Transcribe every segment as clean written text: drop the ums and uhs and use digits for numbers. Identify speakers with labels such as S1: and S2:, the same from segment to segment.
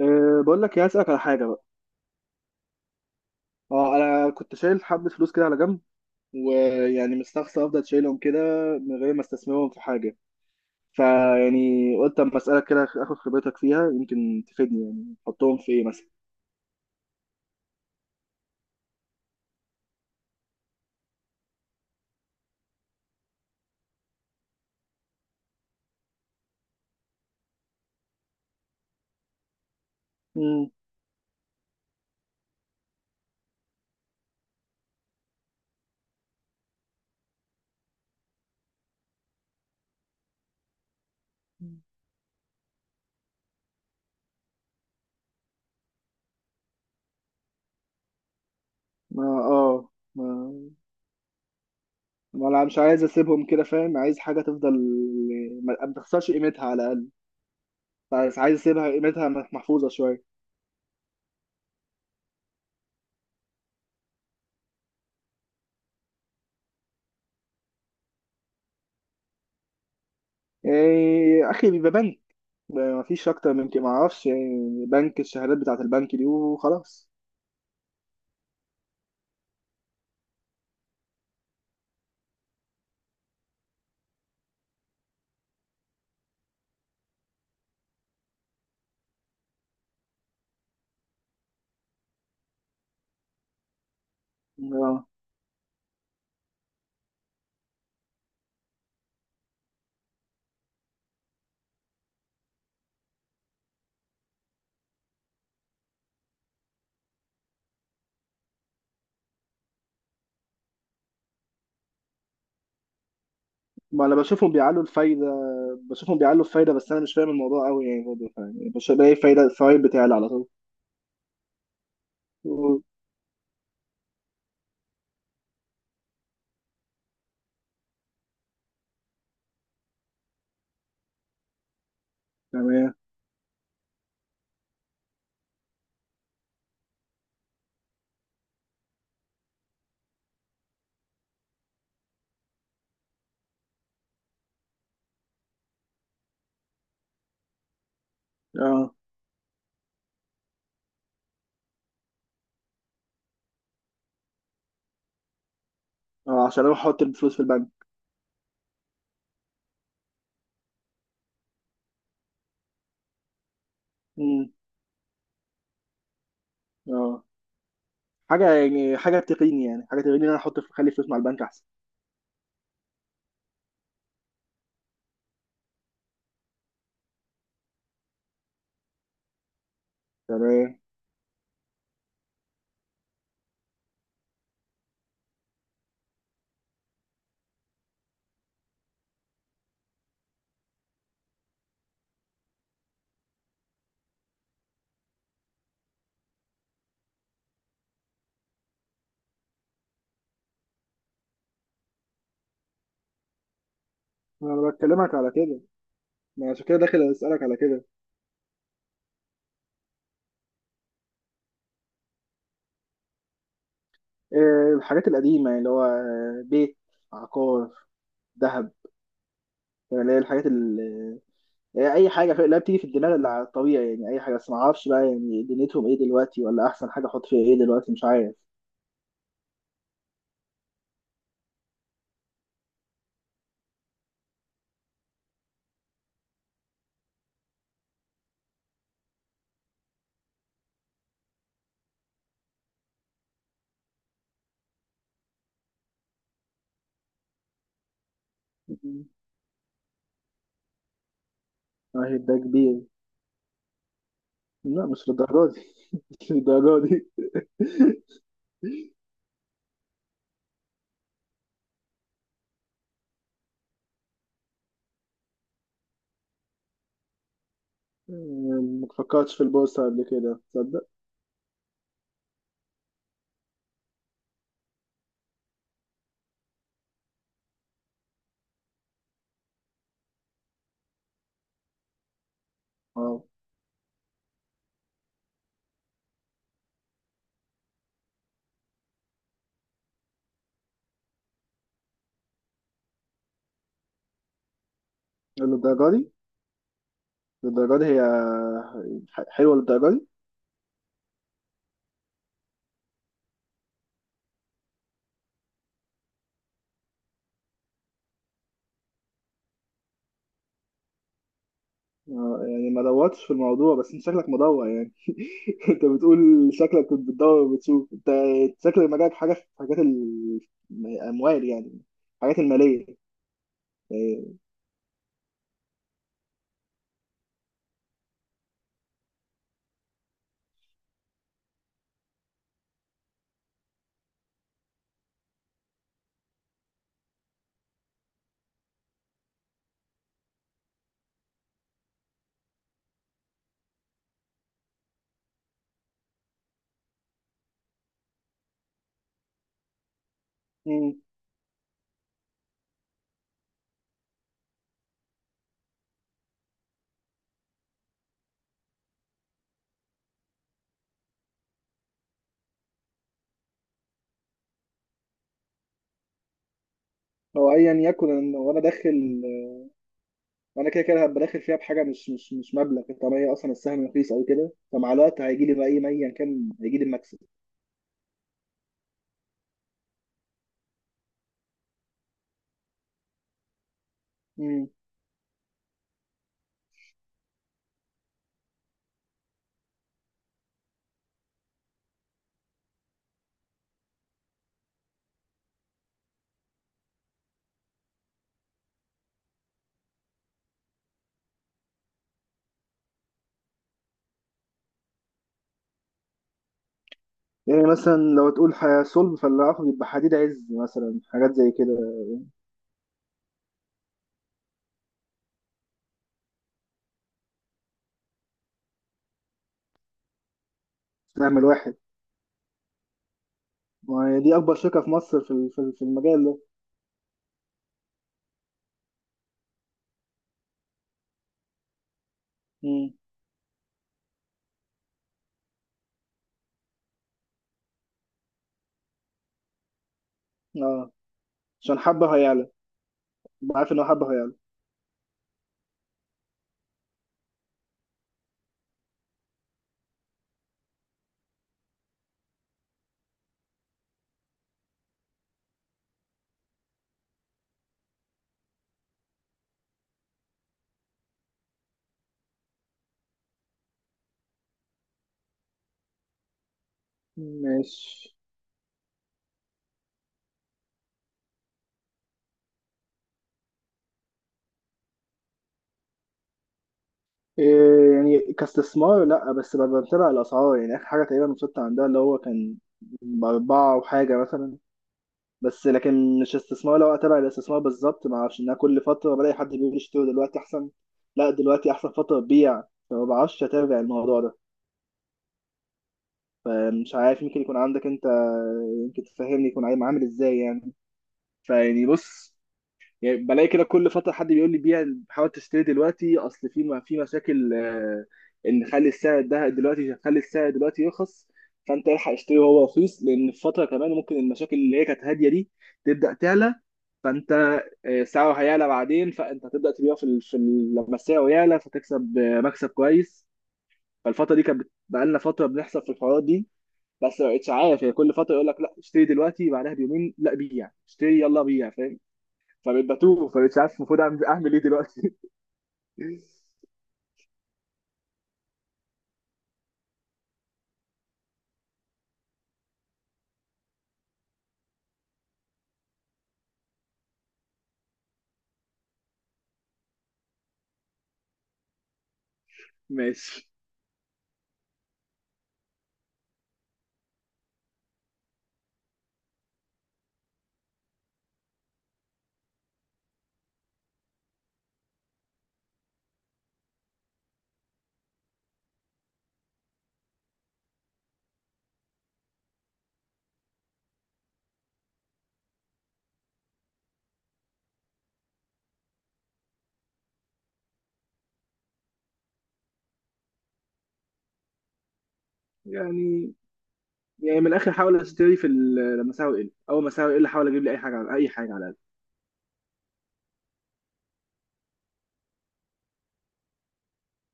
S1: بقول لك، يا اسالك على حاجه بقى. اه انا كنت شايل حبه فلوس كده على جنب، مستخسر افضل شايلهم كده من غير ما استثمرهم في حاجه. فيعني قلت اما اسالك كده اخد خبرتك فيها، يمكن تفيدني يعني احطهم في ايه مثلا. امم ما اه ما ما انا مش عايز اسيبهم كده، فاهم؟ عايز حاجه تفضل، ما تخسرش قيمتها على الاقل. بس عايز اسيبها قيمتها محفوظه شويه. إيه، يا اخي بيبقى بنك، ده مفيش اكتر من كده، معرفش يعني بنك الشهادات بتاعت البنك دي وخلاص. اه، ما انا بشوفهم بيعلوا الفايده. بشوفهم بيعلوا الفايده، بس انا مش فاهم الموضوع قوي يعني، برضه يعني مش بلاقي فايده، الفوايد بتعلى على طول. أوه، تمام. اه. اه، عشان اروح احط الفلوس في البنك. امم اه، حاجه يعني، حاجه تقيني، يعني حاجه تقيني ان انا احط اخلي فلوس مع البنك احسن. تمام. انا بكلمك على كده، ما عشان كده داخل اسالك على كده. إيه الحاجات القديمه يعني، اللي هو بيت، عقار، دهب. يعني اللي هي الحاجات اللي هي اي حاجه لا بتيجي في الدماغ اللي على الطبيعي يعني، اي حاجه، بس ما اعرفش بقى يعني دنيتهم ايه دلوقتي، ولا احسن حاجه احط فيها ايه دلوقتي، مش عارف. مم. واحد ده كبير؟ لا مش للدرجه دي. مش للدرجه دي. مم، ما فكرتش في البورصه قبل كده تصدق. اه، للدرجه دي؟ للدرجه دي هي حلوه للدرجه دي؟ يعني ما دورتش في الموضوع، بس انت شكلك مدور يعني. انت بتقول شكلك كنت بتدور وبتشوف، انت شكل مجالك حاجه في حاجات الاموال يعني، الحاجات الماليه يعني. مم. هو ايا يكن، ان وانا داخل، وانا كده كده هبقى داخل فيها بحاجه مش مبلغ، طالما هي اصلا السهم رخيص او كده، فمع الوقت هيجي لي بقى ايه، ما ايا كان هيجي لي المكسب. مم. يعني مثلا لو تقول صلب، فاللي هاخد يبقى حديد عز مثلا، حاجات زي كده. سهم الواحد؟ ما هي دي اكبر شركه في مصر في في المجال ده. مم. اه، عشان حبه هيعلى. عارف ان هو حبه هيعلى. ماشي. إيه يعني كاستثمار؟ لا، بس ببقى بتابع الاسعار يعني، اخر حاجه تقريبا وصلت عندها اللي هو كان باربعه وحاجه مثلا. بس لكن مش استثمار، لو اتابع الاستثمار بالظبط ما اعرفش، ان أنا كل فتره بلاقي حد بيقول اشتري دلوقتي احسن، لا دلوقتي احسن فتره تبيع، فما بعرفش اتابع الموضوع ده. فمش عارف، يمكن يكون عندك انت، يمكن تفهمني يكون عامل ازاي يعني. بص، يعني بلاقي كده كل فتره حد بيقول لي بيع، حاول تشتري دلوقتي، اصل في في مشاكل، ان خلي السعر ده دلوقتي، خلي السعر دلوقتي يرخص، فانت الحق اشتري وهو رخيص، لان في فتره كمان ممكن المشاكل اللي هي كانت هاديه دي تبدا تعلى. فانت سعره هيعلى بعدين، فانت هتبدا تبيعه لما سعره يعلى، فتكسب مكسب كويس. فالفتره دي كانت بقالنا فتره بنحصل في الحوارات دي، بس ما بقتش عارف يعني، كل فتره يقول لك لا اشتري دلوقتي، بعدها بيومين لا بيع، اشتري، يلا بيع، فاهم؟ فبقيت بتوه، فبقيت عارف المفروض اعمل، اعمل ايه دلوقتي؟ ماشي. يعني يعني من الاخر حاول اشتري في لما سعره يقل، اول ما سعره يقل حاول اجيب لي اي حاجه على اي حاجه على الاقل.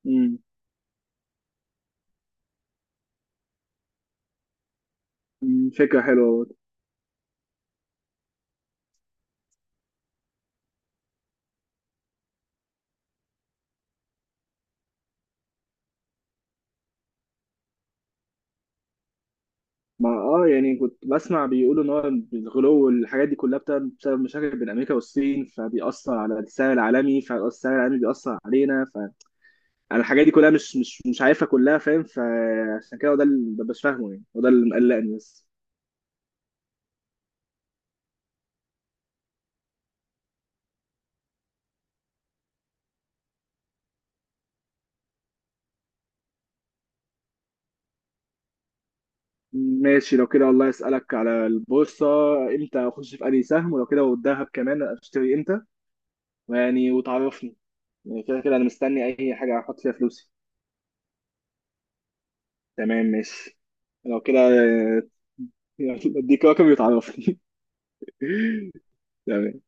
S1: امم أمم، فكره حلوه برضه. ما اه، يعني كنت بسمع بيقولوا ان هو الغلو والحاجات دي كلها بسبب مشاكل بين امريكا والصين، فبيأثر على السعر العالمي، فالسعر العالمي بيأثر علينا، فانا الحاجات دي كلها مش عارفها كلها فاهم، فعشان كده هو ده اللي مبقاش فاهمه يعني، وده اللي مقلقني بس. ماشي لو كده، والله اسالك على البورصه امتى اخش في انهي سهم، ولو كده والذهب كمان اشتري امتى. وتعرفني يعني، كده كده انا مستني اي حاجه احط فيها فلوسي. تمام ماشي. لو كده اديك رقم وتعرفني. تمام.